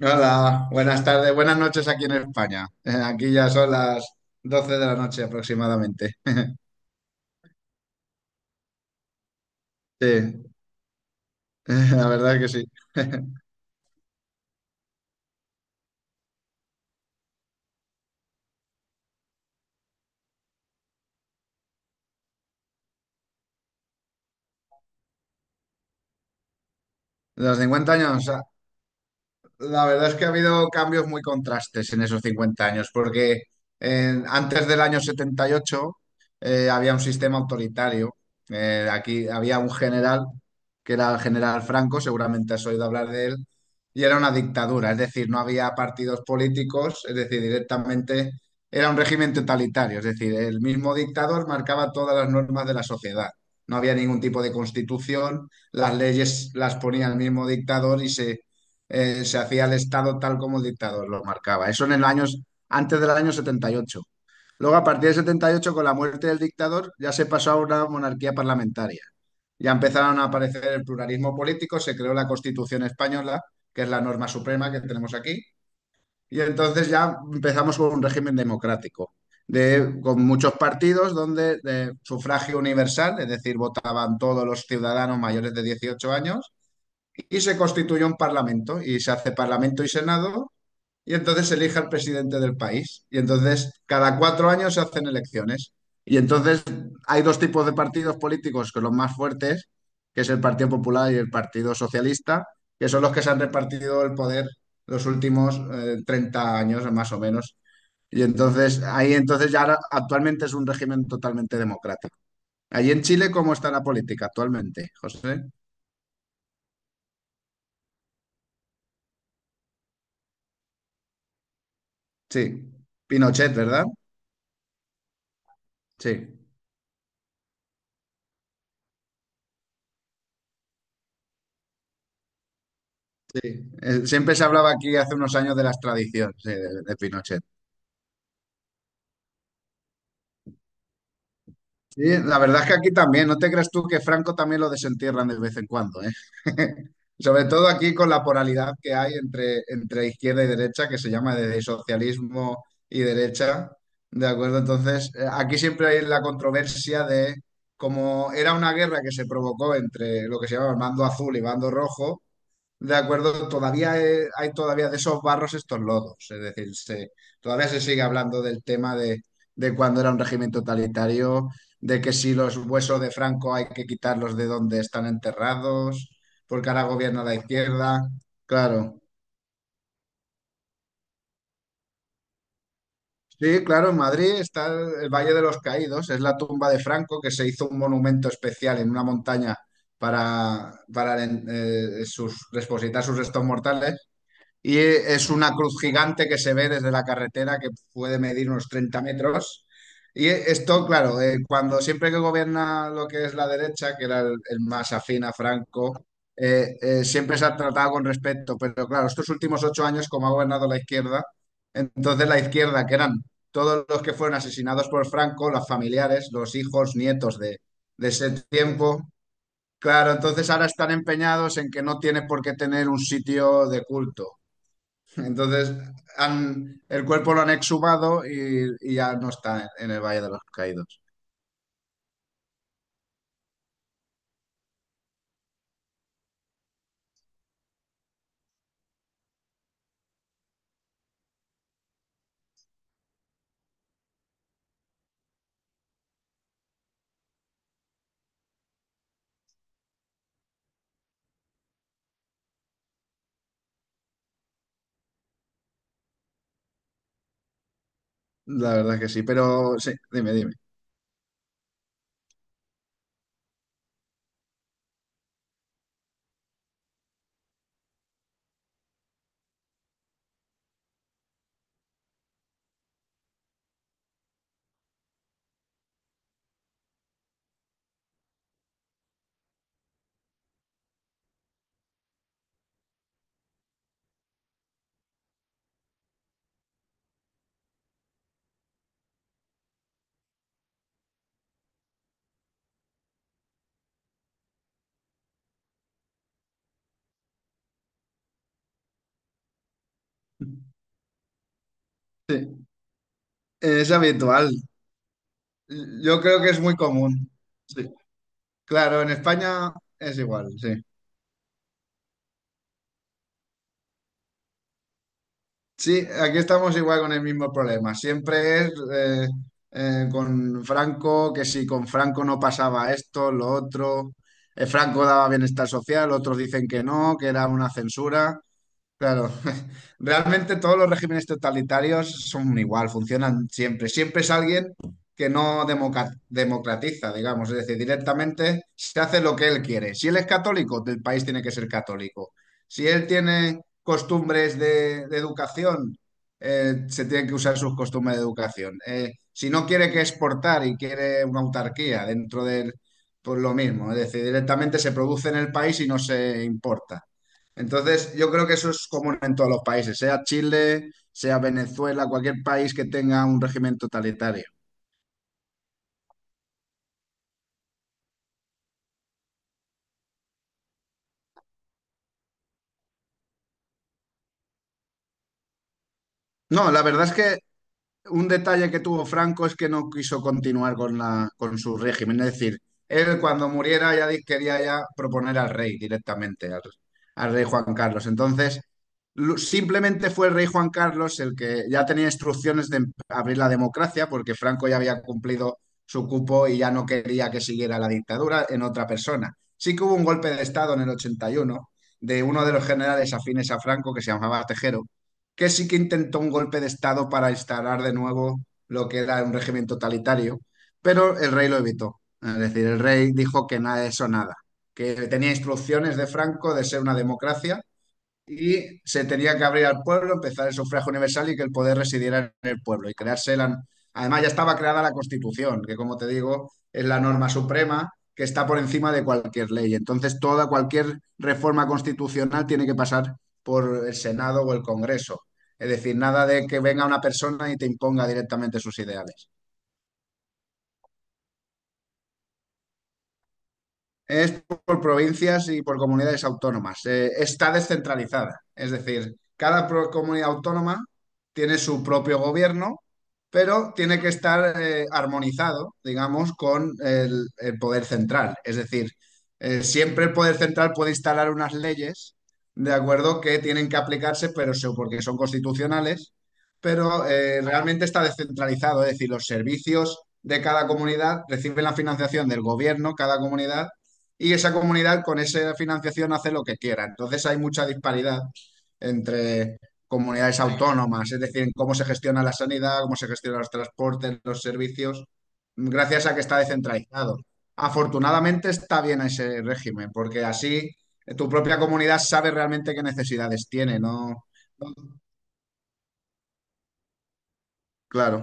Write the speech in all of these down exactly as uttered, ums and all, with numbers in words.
Hola, buenas tardes, buenas noches aquí en España. Aquí ya son las doce de la noche aproximadamente. Sí, la verdad es que sí. Los cincuenta años. La verdad es que ha habido cambios muy contrastes en esos cincuenta años, porque eh, antes del año setenta y ocho eh, había un sistema autoritario. Eh, aquí había un general, que era el general Franco, seguramente has oído hablar de él, y era una dictadura, es decir, no había partidos políticos, es decir, directamente era un régimen totalitario, es decir, el mismo dictador marcaba todas las normas de la sociedad. No había ningún tipo de constitución, las leyes las ponía el mismo dictador y se eh, se hacía el Estado tal como el dictador lo marcaba. Eso en el años, antes del año setenta y ocho. Luego, a partir del setenta y ocho con la muerte del dictador, ya se pasó a una monarquía parlamentaria. Ya empezaron a aparecer el pluralismo político, se creó la Constitución española, que es la norma suprema que tenemos aquí, y entonces ya empezamos con un régimen democrático, de, con muchos partidos donde de sufragio universal, es decir, votaban todos los ciudadanos mayores de dieciocho años, y se constituye un parlamento y se hace parlamento y senado y entonces se elige al presidente del país y entonces cada cuatro años se hacen elecciones y entonces hay dos tipos de partidos políticos que son los más fuertes, que es el Partido Popular y el Partido Socialista, que son los que se han repartido el poder los últimos eh, treinta años más o menos. Y entonces ahí entonces ya ahora- actualmente es un régimen totalmente democrático. Allí en Chile, ¿cómo está la política actualmente, José? Sí, Pinochet, ¿verdad? Sí, sí. Eh, Siempre se hablaba aquí hace unos años de las tradiciones eh, de, de Pinochet. Sí, la verdad es que aquí también, no te creas tú que Franco también lo desentierran de vez en cuando, ¿eh? Sobre todo aquí con la polaridad que hay entre, entre izquierda y derecha, que se llama de socialismo y derecha, ¿de acuerdo? Entonces, eh, aquí siempre hay la controversia de cómo era una guerra que se provocó entre lo que se llama el bando azul y bando rojo. De acuerdo, todavía eh, hay todavía de esos barros estos lodos, es decir, se- todavía se sigue hablando del tema de, de cuando era un régimen totalitario, de que si los huesos de Franco hay que quitarlos de donde están enterrados, porque ahora gobierna la izquierda. Claro, sí, claro, en Madrid está el Valle de los Caídos, es la tumba de Franco, que se hizo un monumento especial en una montaña para, para eh, sus, depositar sus restos mortales. Y eh, es una cruz gigante que se ve desde la carretera que puede medir unos treinta metros. Y eh, esto, claro, eh, cuando siempre que gobierna lo que es la derecha, que era el, el más afín a Franco, eh, eh, siempre se ha tratado con respeto. Pero claro, estos últimos ocho años, como ha gobernado la izquierda, entonces la izquierda, que eran todos los que fueron asesinados por Franco, los familiares, los hijos, nietos de, de ese tiempo, claro, entonces ahora están empeñados en que no tiene por qué tener un sitio de culto. Entonces, han- el cuerpo lo han exhumado y, y ya no está en el Valle de los Caídos. La verdad que sí, pero sí, dime, dime. Sí, es habitual. Yo creo que es muy común. Sí. Claro, en España es igual, sí. Sí, aquí estamos igual con el mismo problema. Siempre es eh, eh, con Franco, que si con Franco no pasaba esto, lo otro. Eh, Franco daba bienestar social, otros dicen que no, que era una censura. Claro, realmente todos los regímenes totalitarios son igual, funcionan siempre. Siempre es alguien que no democa- democratiza, digamos, es decir, directamente se hace lo que él quiere. Si él es católico, el país tiene que ser católico. Si él tiene costumbres de, de educación, eh, se tienen que usar sus costumbres de educación. Eh, si no quiere que exportar y quiere una autarquía dentro del, pues lo mismo, es decir, directamente se produce en el país y no se importa. Entonces, yo creo que eso es común en todos los países, sea Chile, sea Venezuela, cualquier país que tenga un régimen totalitario. No, la verdad es que un detalle que tuvo Franco es que no quiso continuar con la, con su régimen. Es decir, él cuando muriera ya di- quería ya proponer al rey directamente, al, al rey Juan Carlos. Entonces, lu- simplemente fue el rey Juan Carlos el que ya tenía instrucciones de em- abrir la democracia, porque Franco ya había cumplido su cupo y ya no quería que siguiera la dictadura en otra persona. Sí que hubo un golpe de Estado en el ochenta y uno de uno de los generales afines a Franco que se llamaba Tejero que sí que intentó un golpe de Estado para instalar de nuevo lo que era un régimen totalitario, pero el rey lo evitó. Es decir, el rey dijo que nada de eso, nada, que tenía instrucciones de Franco de ser una democracia y se tenía que abrir al pueblo, empezar el sufragio universal y que el poder residiera en el pueblo y crearse la. Además ya estaba creada la Constitución, que como te digo, es la norma suprema que está por encima de cualquier ley. Entonces toda cualquier reforma constitucional tiene que pasar por el Senado o el Congreso. Es decir, nada de que venga una persona y te imponga directamente sus ideales. Es por provincias y por comunidades autónomas. Eh, está descentralizada. Es decir, cada pro- comunidad autónoma tiene su propio gobierno, pero tiene que estar eh, armonizado, digamos, con el, el poder central. Es decir, eh, siempre el poder central puede instalar unas leyes, de acuerdo, que tienen que aplicarse, pero so- porque son constitucionales, pero eh, realmente está descentralizado. Es decir, los servicios de cada comunidad reciben la financiación del gobierno, cada comunidad y esa comunidad con esa financiación hace lo que quiera. Entonces hay mucha disparidad entre comunidades autónomas, es decir, en cómo se gestiona la sanidad, cómo se gestionan los transportes, los servicios, gracias a que está descentralizado. Afortunadamente está bien ese régimen, porque así eh, tu propia comunidad sabe realmente qué necesidades tiene, ¿no? Claro,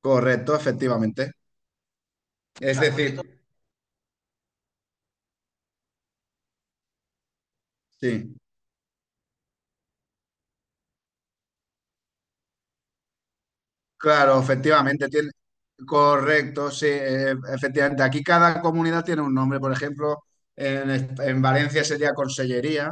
correcto, efectivamente. Es claro, decir, sí, claro, efectivamente, tiene, correcto, sí, eh, efectivamente. Aquí cada comunidad tiene un nombre, por ejemplo, en, Es- en Valencia sería Consellería,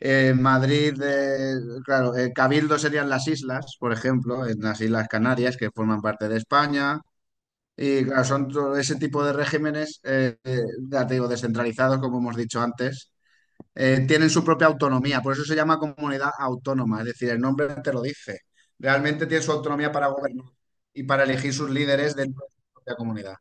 eh, en Madrid, eh, claro, eh, Cabildo serían las islas, por ejemplo, en las Islas Canarias, que forman parte de España, y claro, son todo ese tipo de regímenes, eh, eh, ya te digo, descentralizados, como hemos dicho antes eh, tienen su propia autonomía, por eso se llama comunidad autónoma, es decir, el nombre te lo dice. Realmente tiene su autonomía para gobernar y para elegir sus líderes dentro de su propia comunidad.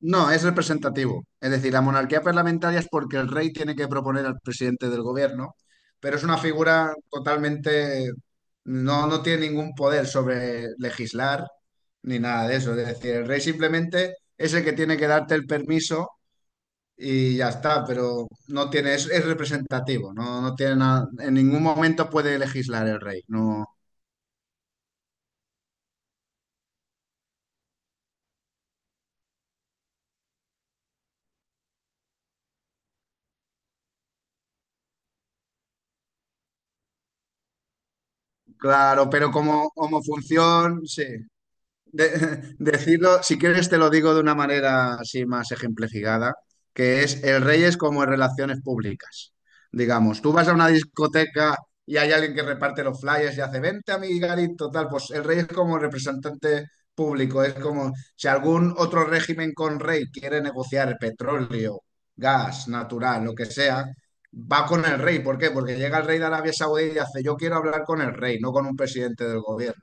No, es representativo. Es decir, la monarquía parlamentaria es porque el rey tiene que proponer al presidente del gobierno, pero es una figura totalmente, no, no tiene ningún poder sobre legislar ni nada de eso. Es decir, el rey simplemente es el que tiene que darte el permiso y ya está, pero no tiene, es, es representativo, no, no tiene nada, en ningún momento puede legislar el rey, no, claro, pero como, como función, sí. De- decirlo, si quieres te lo digo de una manera así más ejemplificada, que es el rey es como en relaciones públicas. Digamos, tú vas a una discoteca y hay alguien que reparte los flyers y hace, vente amiguito, tal, pues el rey es como representante público, es como si algún otro régimen con rey quiere negociar petróleo, gas, natural, lo que sea, va con el rey. ¿Por qué? Porque llega el rey de Arabia Saudí y hace, yo quiero hablar con el rey, no con un presidente del gobierno.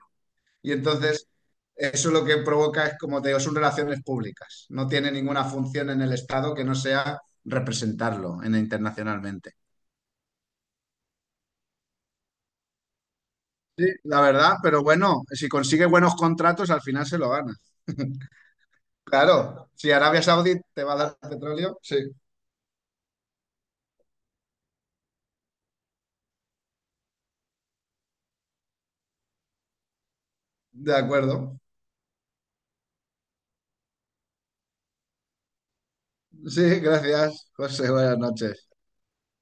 Y entonces, eso lo que provoca es, como te digo, son relaciones públicas. No tiene ninguna función en el Estado que no sea representarlo en- internacionalmente. Sí, la verdad, pero bueno, si consigue buenos contratos, al final se lo gana. Claro, si Arabia Saudí te va a dar petróleo, sí, de acuerdo. Sí, gracias, José, buenas noches.